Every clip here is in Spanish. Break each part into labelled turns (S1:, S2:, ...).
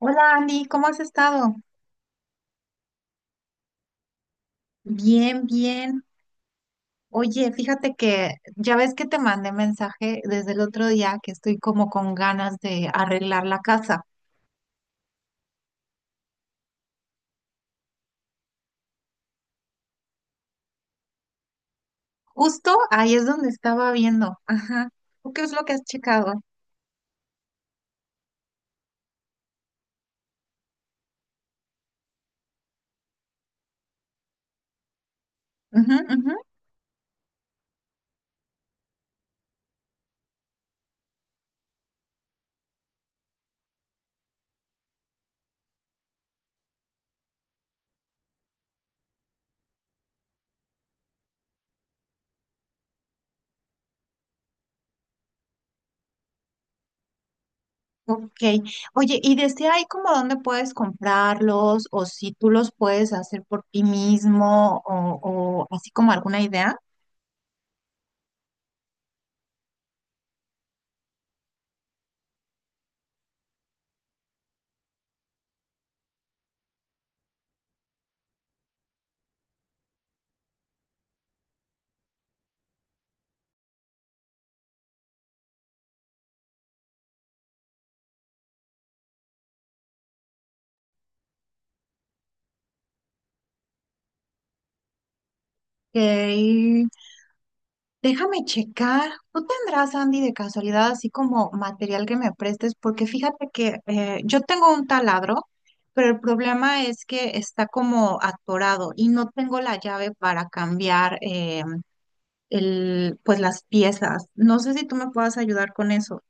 S1: Hola Andy, ¿cómo has estado? Bien, bien. Oye, fíjate que ya ves que te mandé mensaje desde el otro día que estoy como con ganas de arreglar la casa. Justo ahí es donde estaba viendo. Ajá. ¿Tú qué es lo que has checado? Ujú, ujú. Ok. Oye, ¿y desde ahí como dónde puedes comprarlos o si tú los puedes hacer por ti mismo o así como alguna idea? Ok. Déjame checar. ¿Tú tendrás, Andy, de casualidad, así como material que me prestes? Porque fíjate que yo tengo un taladro, pero el problema es que está como atorado y no tengo la llave para cambiar el, pues las piezas. No sé si tú me puedas ayudar con eso.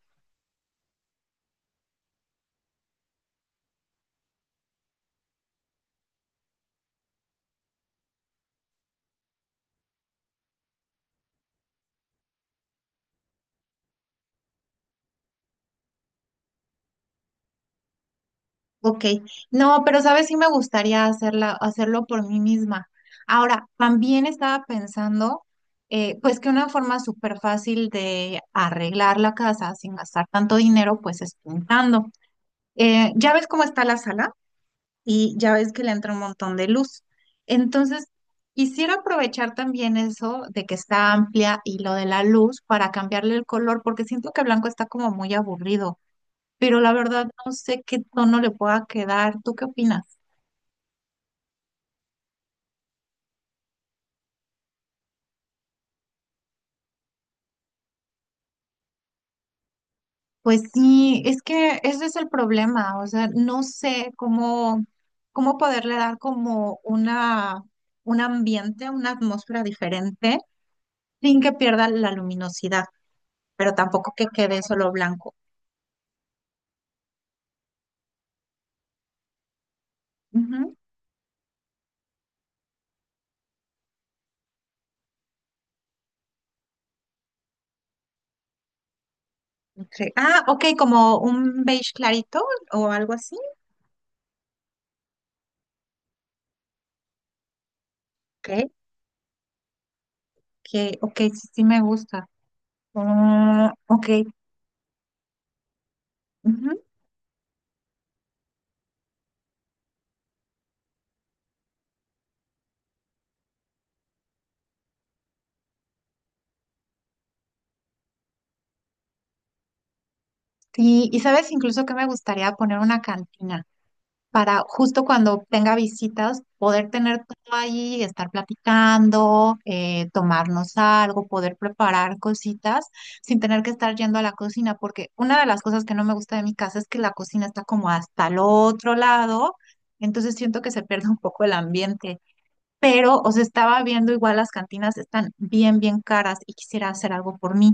S1: Ok, no, pero sabes, sí me gustaría hacerlo por mí misma. Ahora, también estaba pensando, pues que una forma súper fácil de arreglar la casa sin gastar tanto dinero, pues es pintando. Ya ves cómo está la sala y ya ves que le entra un montón de luz. Entonces, quisiera aprovechar también eso de que está amplia y lo de la luz para cambiarle el color, porque siento que blanco está como muy aburrido, pero la verdad no sé qué tono le pueda quedar. ¿Tú qué opinas? Pues sí, es que ese es el problema, o sea, no sé cómo, cómo poderle dar un ambiente, una atmósfera diferente sin que pierda la luminosidad, pero tampoco que quede solo blanco. Ujú, ok. Ah, ok, como un beige clarito o algo así. Ok, que, ok, sí, sí me gusta. Ah, ok. Ujú. Sí, y sabes incluso que me gustaría poner una cantina, para justo cuando tenga visitas poder tener todo ahí, estar platicando, tomarnos algo, poder preparar cositas sin tener que estar yendo a la cocina, porque una de las cosas que no me gusta de mi casa es que la cocina está como hasta el otro lado, entonces siento que se pierde un poco el ambiente. Pero os estaba viendo igual las cantinas están bien caras y quisiera hacer algo por mí.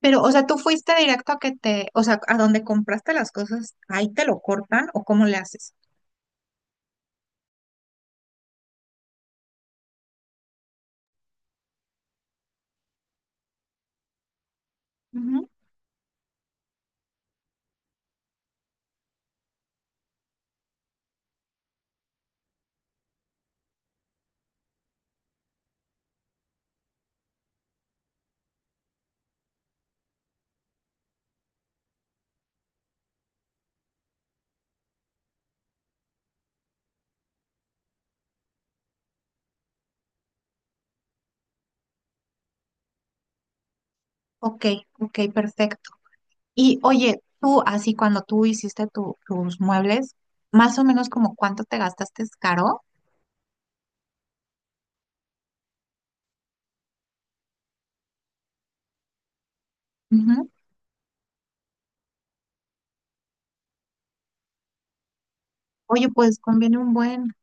S1: Pero, o sea, tú fuiste directo a que te, o sea, a donde compraste las cosas, ahí te lo cortan o cómo le haces. Ok, ok, perfecto. Y oye, tú, así cuando tú hiciste tus muebles, más o menos como cuánto te gastaste, ¿es caro? Ujú. Oye, pues conviene un buen.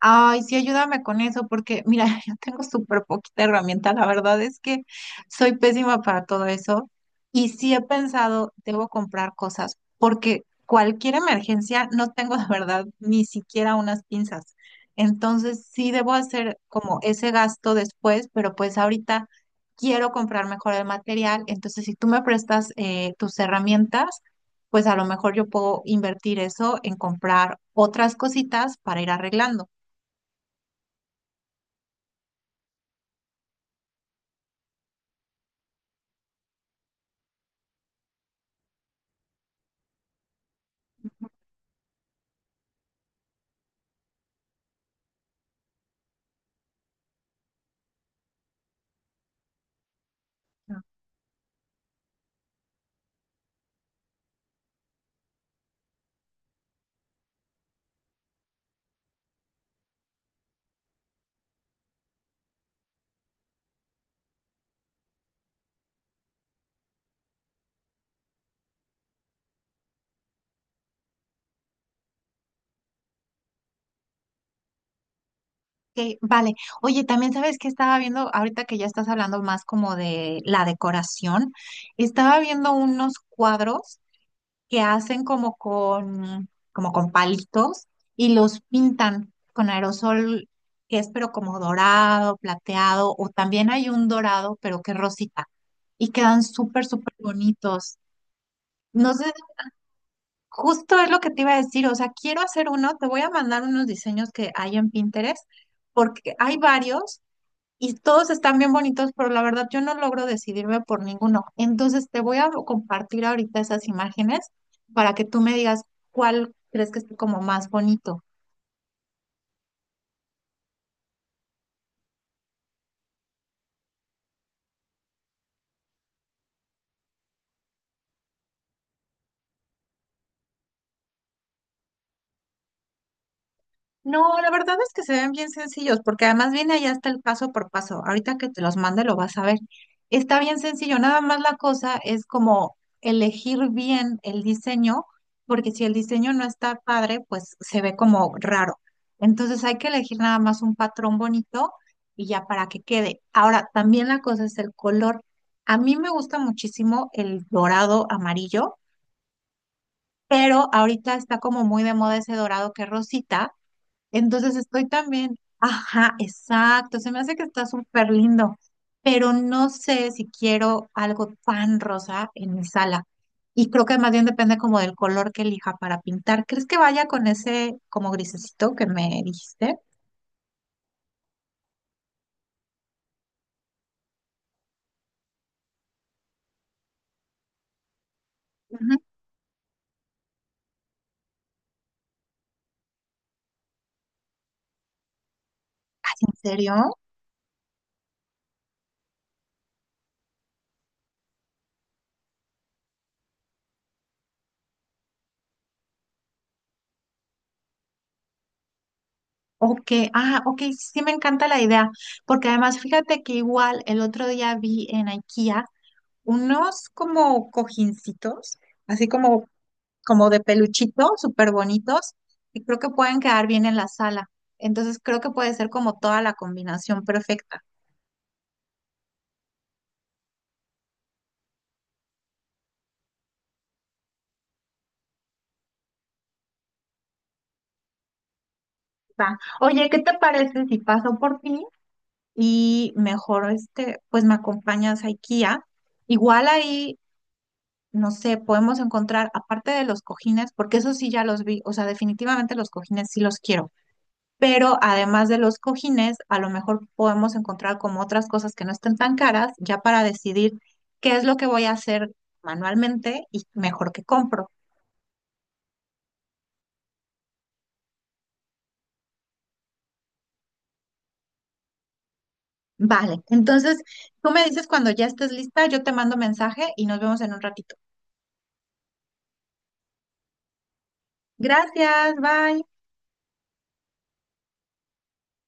S1: Ay, sí, ayúdame con eso, porque mira, yo tengo súper poquita herramienta. La verdad es que soy pésima para todo eso. Y sí he pensado, debo comprar cosas, porque cualquier emergencia no tengo de verdad ni siquiera unas pinzas. Entonces sí debo hacer como ese gasto después, pero pues ahorita quiero comprar mejor el material. Entonces, si tú me prestas tus herramientas, pues a lo mejor yo puedo invertir eso en comprar otras cositas para ir arreglando. Ok, vale. Oye, también sabes que estaba viendo, ahorita que ya estás hablando más como de la decoración, estaba viendo unos cuadros que hacen como con palitos y los pintan con aerosol, que es pero como dorado, plateado, o también hay un dorado, pero que es rosita, y quedan súper bonitos. No sé, justo es lo que te iba a decir, o sea, quiero hacer uno, te voy a mandar unos diseños que hay en Pinterest, porque hay varios y todos están bien bonitos, pero la verdad yo no logro decidirme por ninguno. Entonces te voy a compartir ahorita esas imágenes para que tú me digas cuál crees que es como más bonito. No, la verdad es que se ven bien sencillos, porque además viene allá hasta el paso por paso. Ahorita que te los mande lo vas a ver. Está bien sencillo, nada más la cosa es como elegir bien el diseño, porque si el diseño no está padre, pues se ve como raro. Entonces hay que elegir nada más un patrón bonito y ya para que quede. Ahora, también la cosa es el color. A mí me gusta muchísimo el dorado amarillo, pero ahorita está como muy de moda ese dorado que es rosita, entonces estoy también, ajá, exacto, se me hace que está súper lindo, pero no sé si quiero algo tan rosa en mi sala. Y creo que más bien depende como del color que elija para pintar. ¿Crees que vaya con ese como grisecito que me dijiste? Ujú. ¿En serio? Ok, ah, ok, sí me encanta la idea, porque además fíjate que igual el otro día vi en IKEA unos como cojincitos, así como como de peluchito, súper bonitos, y creo que pueden quedar bien en la sala. Entonces creo que puede ser como toda la combinación perfecta. Va. Oye, ¿qué te parece si paso por ti y mejor este, pues me acompañas a IKEA? Igual ahí, no sé, podemos encontrar, aparte de los cojines, porque eso sí ya los vi, o sea, definitivamente los cojines sí los quiero, pero además de los cojines, a lo mejor podemos encontrar como otras cosas que no estén tan caras, ya para decidir qué es lo que voy a hacer manualmente y mejor que compro. Vale, entonces tú me dices cuando ya estés lista, yo te mando mensaje y nos vemos en un ratito. Gracias, bye.